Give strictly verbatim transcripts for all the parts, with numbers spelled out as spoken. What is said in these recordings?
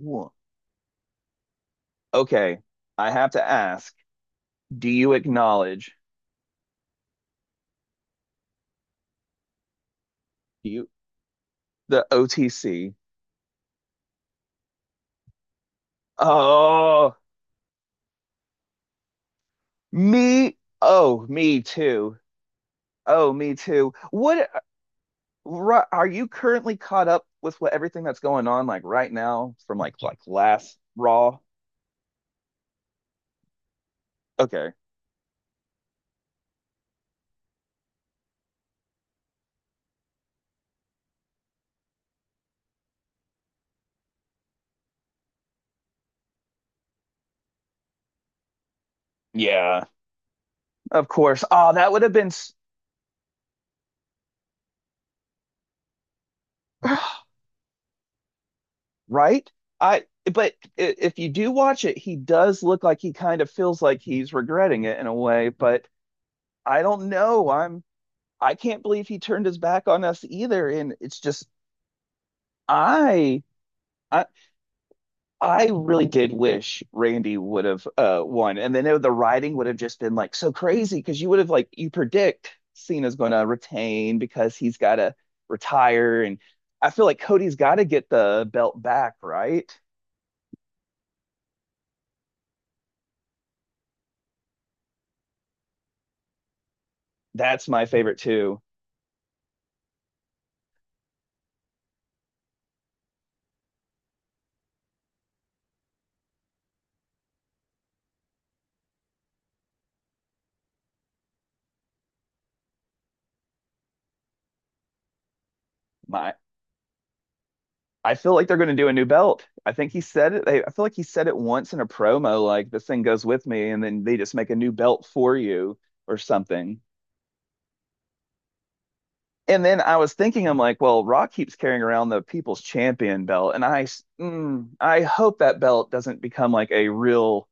Wha- Okay, I have to ask, do you acknowledge do you the O T C? Oh, me. Oh, me too. Oh, me too. What ri- are you currently caught up with what everything that's going on like right now from like like last Raw? Okay. Yeah, of course. Oh, that would have been s- right? I but i- if you do watch it, he does look like he kind of feels like he's regretting it in a way, but I don't know. I'm I can't believe he turned his back on us either. And it's just I I I really did wish Randy would have uh won. And then it- the writing would have just been like so crazy because you would have like you predict Cena's gonna retain because he's gotta retire. And I feel like Cody's gotta get the belt back, right? That's my favorite too. My I feel like they're going to do a new belt. I think he said it. They, I feel like he said it once in a promo, like this thing goes with me, and then they just make a new belt for you or something. And then I was thinking, I'm like, well, Rock keeps carrying around the People's Champion belt, and I, mm, I hope that belt doesn't become like a real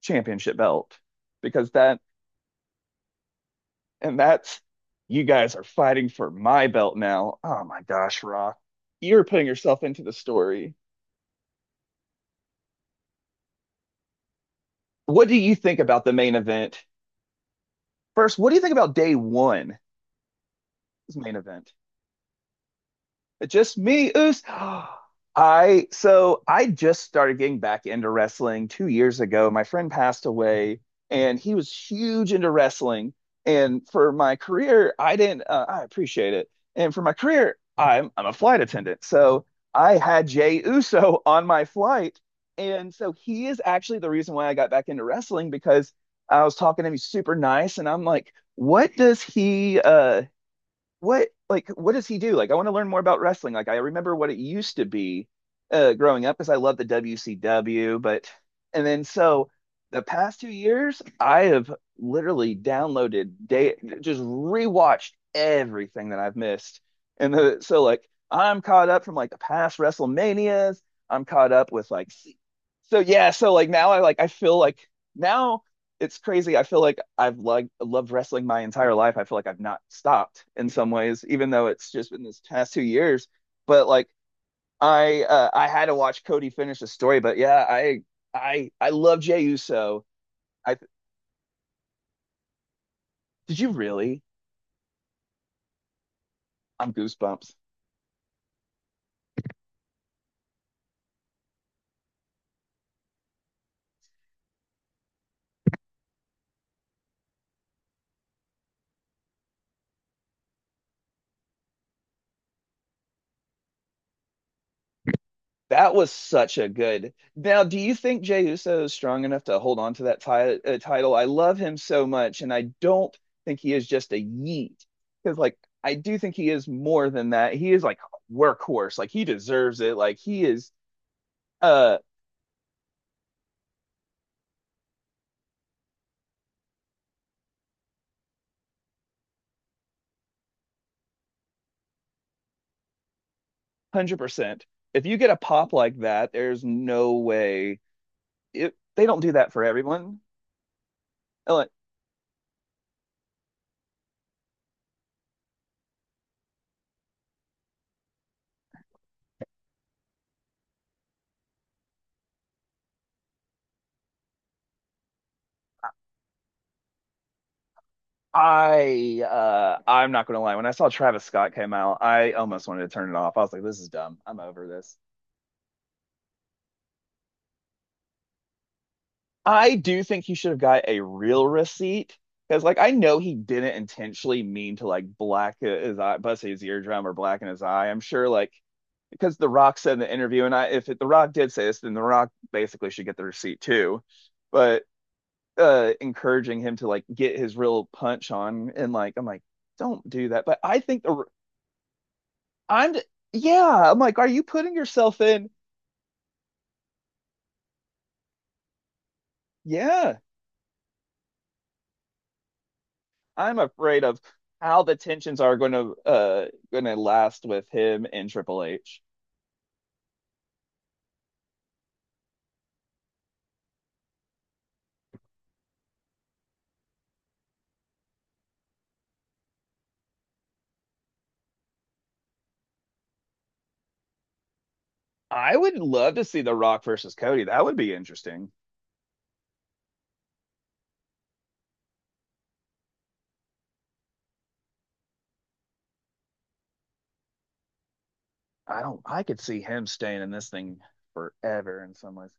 championship belt because that, and that's, you guys are fighting for my belt now. Oh my gosh, Rock, you're putting yourself into the story. What do you think about the main event? First, what do you think about day one, this main event? Just me, Oos. I so I just started getting back into wrestling two years ago. My friend passed away, and he was huge into wrestling. And for my career, I didn't. Uh, I appreciate it. And for my career, I'm I'm a flight attendant, so I had Jay Uso on my flight, and so he is actually the reason why I got back into wrestling because I was talking to him. He's super nice, and I'm like, what does he? Uh, what like what does he do? Like I want to learn more about wrestling. Like I remember what it used to be uh growing up because I love the W C W, but and then so the past two years I have literally downloaded day just rewatched everything that I've missed. And the, so like I'm caught up from like the past WrestleManias. I'm caught up with like so yeah, so like now I like I feel like now it's crazy. I feel like I've like loved wrestling my entire life. I feel like I've not stopped in some ways, even though it's just been this past two years. But like I uh, I had to watch Cody finish the story. But yeah, I I I love Jey Uso. I did you really? I'm goosebumps. That was such a good. Now, do you think Jey Uso is strong enough to hold on to that ti uh, title? I love him so much, and I don't think he is just a yeet. Because, like, I do think he is more than that. He is like workhorse. Like, he deserves it. Like, he is uh one hundred percent. If you get a pop like that, there's no way it, they don't do that for everyone. Uh, Like, I uh I'm not gonna lie. When I saw Travis Scott came out, I almost wanted to turn it off. I was like, this is dumb. I'm over this. I do think he should have got a real receipt because, like, I know he didn't intentionally mean to like black his eye, bust his eardrum or blacken his eye. I'm sure, like, because The Rock said in the interview, and I, if it, The Rock did say this, then The Rock basically should get the receipt too. But uh, encouraging him to like get his real punch on, and like, I'm like, don't do that. But I think the I'm, yeah, I'm like, are you putting yourself in? Yeah, I'm afraid of how the tensions are going to uh going to last with him and Triple H. I would love to see The Rock versus Cody. That would be interesting. I don't. I could see him staying in this thing forever in some ways.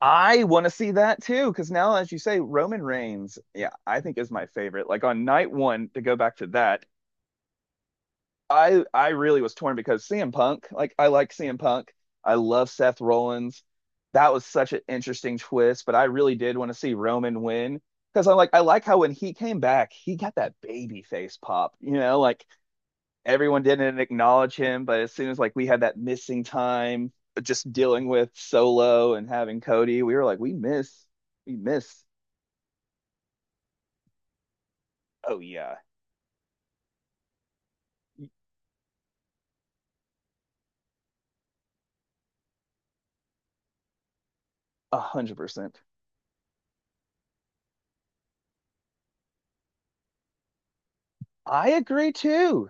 I want to see that too because now, as you say, Roman Reigns. Yeah, I think is my favorite. Like on night one, to go back to that, I I really was torn because C M Punk, like I like C M Punk. I love Seth Rollins. That was such an interesting twist, but I really did want to see Roman win because I'm like I like how when he came back, he got that baby face pop, you know, like everyone didn't acknowledge him, but as soon as like we had that missing time uh, just dealing with Solo and having Cody, we were like we miss we miss. Oh yeah. A hundred percent. I agree too.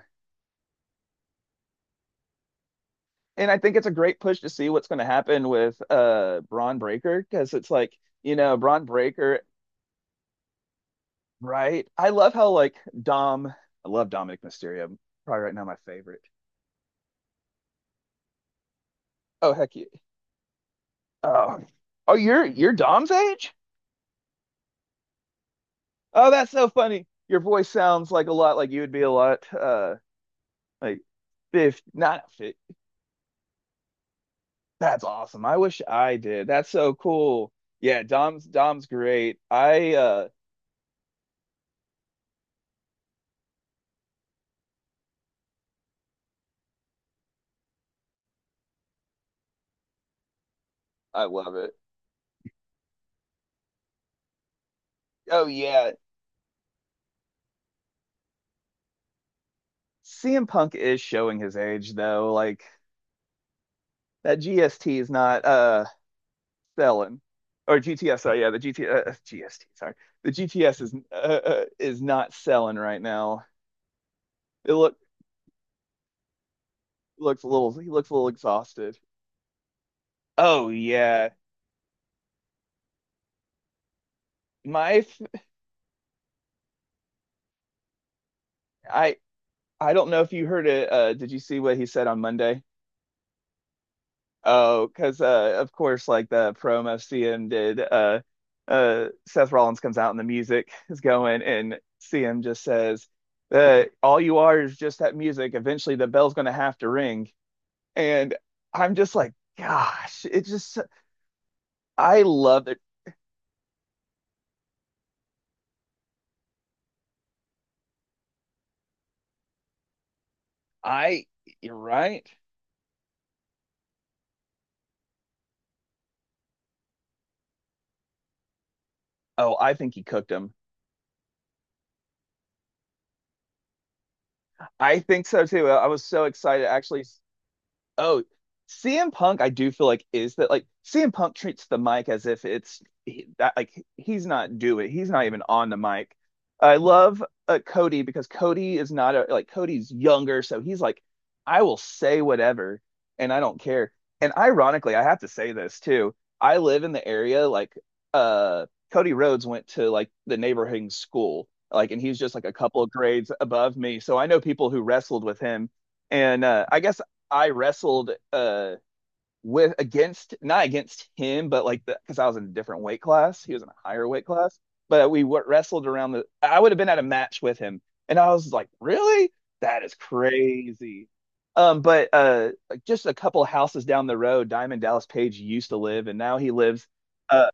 And I think it's a great push to see what's going to happen with uh Bron Breaker because it's like you know Bron Breaker, right? I love how like Dom, I love Dominic Mysterio, probably right now my favorite. Oh heck yeah! Oh, oh you're you're Dom's age? Oh, that's so funny. Your voice sounds like a lot like you would be a lot uh like fifty not fifth. That's awesome. I wish I did. That's so cool. Yeah, Dom's Dom's great. I uh I love it. Oh yeah, C M Punk is showing his age though. Like that G S T is not uh selling, or GTS. Sorry, yeah, the GT uh, GST. Sorry, the G T S is uh, uh, is not selling right now. It look looks a little. He looks a little exhausted. Oh yeah, my. I I I I don't know if you heard it. Uh, did you see what he said on Monday? Oh, because uh, of course, like the promo C M did, uh, uh, Seth Rollins comes out and the music is going, and C M just says, uh, "All you are is just that music. Eventually, the bell's going to have to ring." And I'm just like, "Gosh, it just I love it. I you're right. Oh, I think he cooked him. I think so too. I was so excited. Actually, Oh, C M Punk, I do feel like is that like C M Punk treats the mic as if it's he- that like he's not doing, he's not even on the mic. I love uh, Cody because Cody is not a like Cody's younger, so he's like, I will say whatever and I don't care. And ironically, I have to say this too. I live in the area like uh Cody Rhodes went to like the neighboring school, like, and he's just like a couple of grades above me, so I know people who wrestled with him. And uh, I guess I wrestled uh with against not against him, but like the because I was in a different weight class. He was in a higher weight class, but we wrestled around the. I would have been at a match with him, and I was like, really? That is crazy. Um, but uh, like, just a couple houses down the road, Diamond Dallas Page used to live, and now he lives. uh.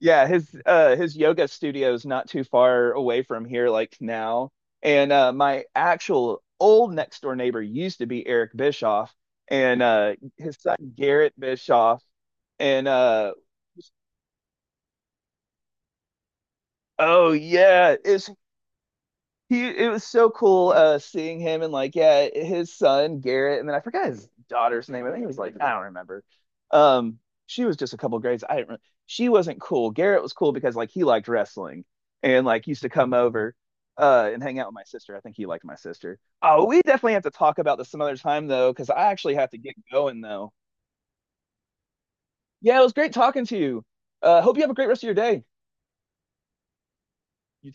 Yeah, his uh his yoga studio is not too far away from here like now. And uh my actual old next door neighbor used to be Eric Bischoff and uh his son Garrett Bischoff and uh oh yeah, it's he it was so cool uh seeing him and like yeah his son Garrett, and then I forgot his daughter's name. I think it was like I don't remember, um she was just a couple grades. I didn't re- she wasn't cool. Garrett was cool because like he liked wrestling and like used to come over uh and hang out with my sister. I think he liked my sister. Oh, we definitely have to talk about this some other time though, because I actually have to get going though. Yeah, it was great talking to you. uh hope you have a great rest of your day. You too.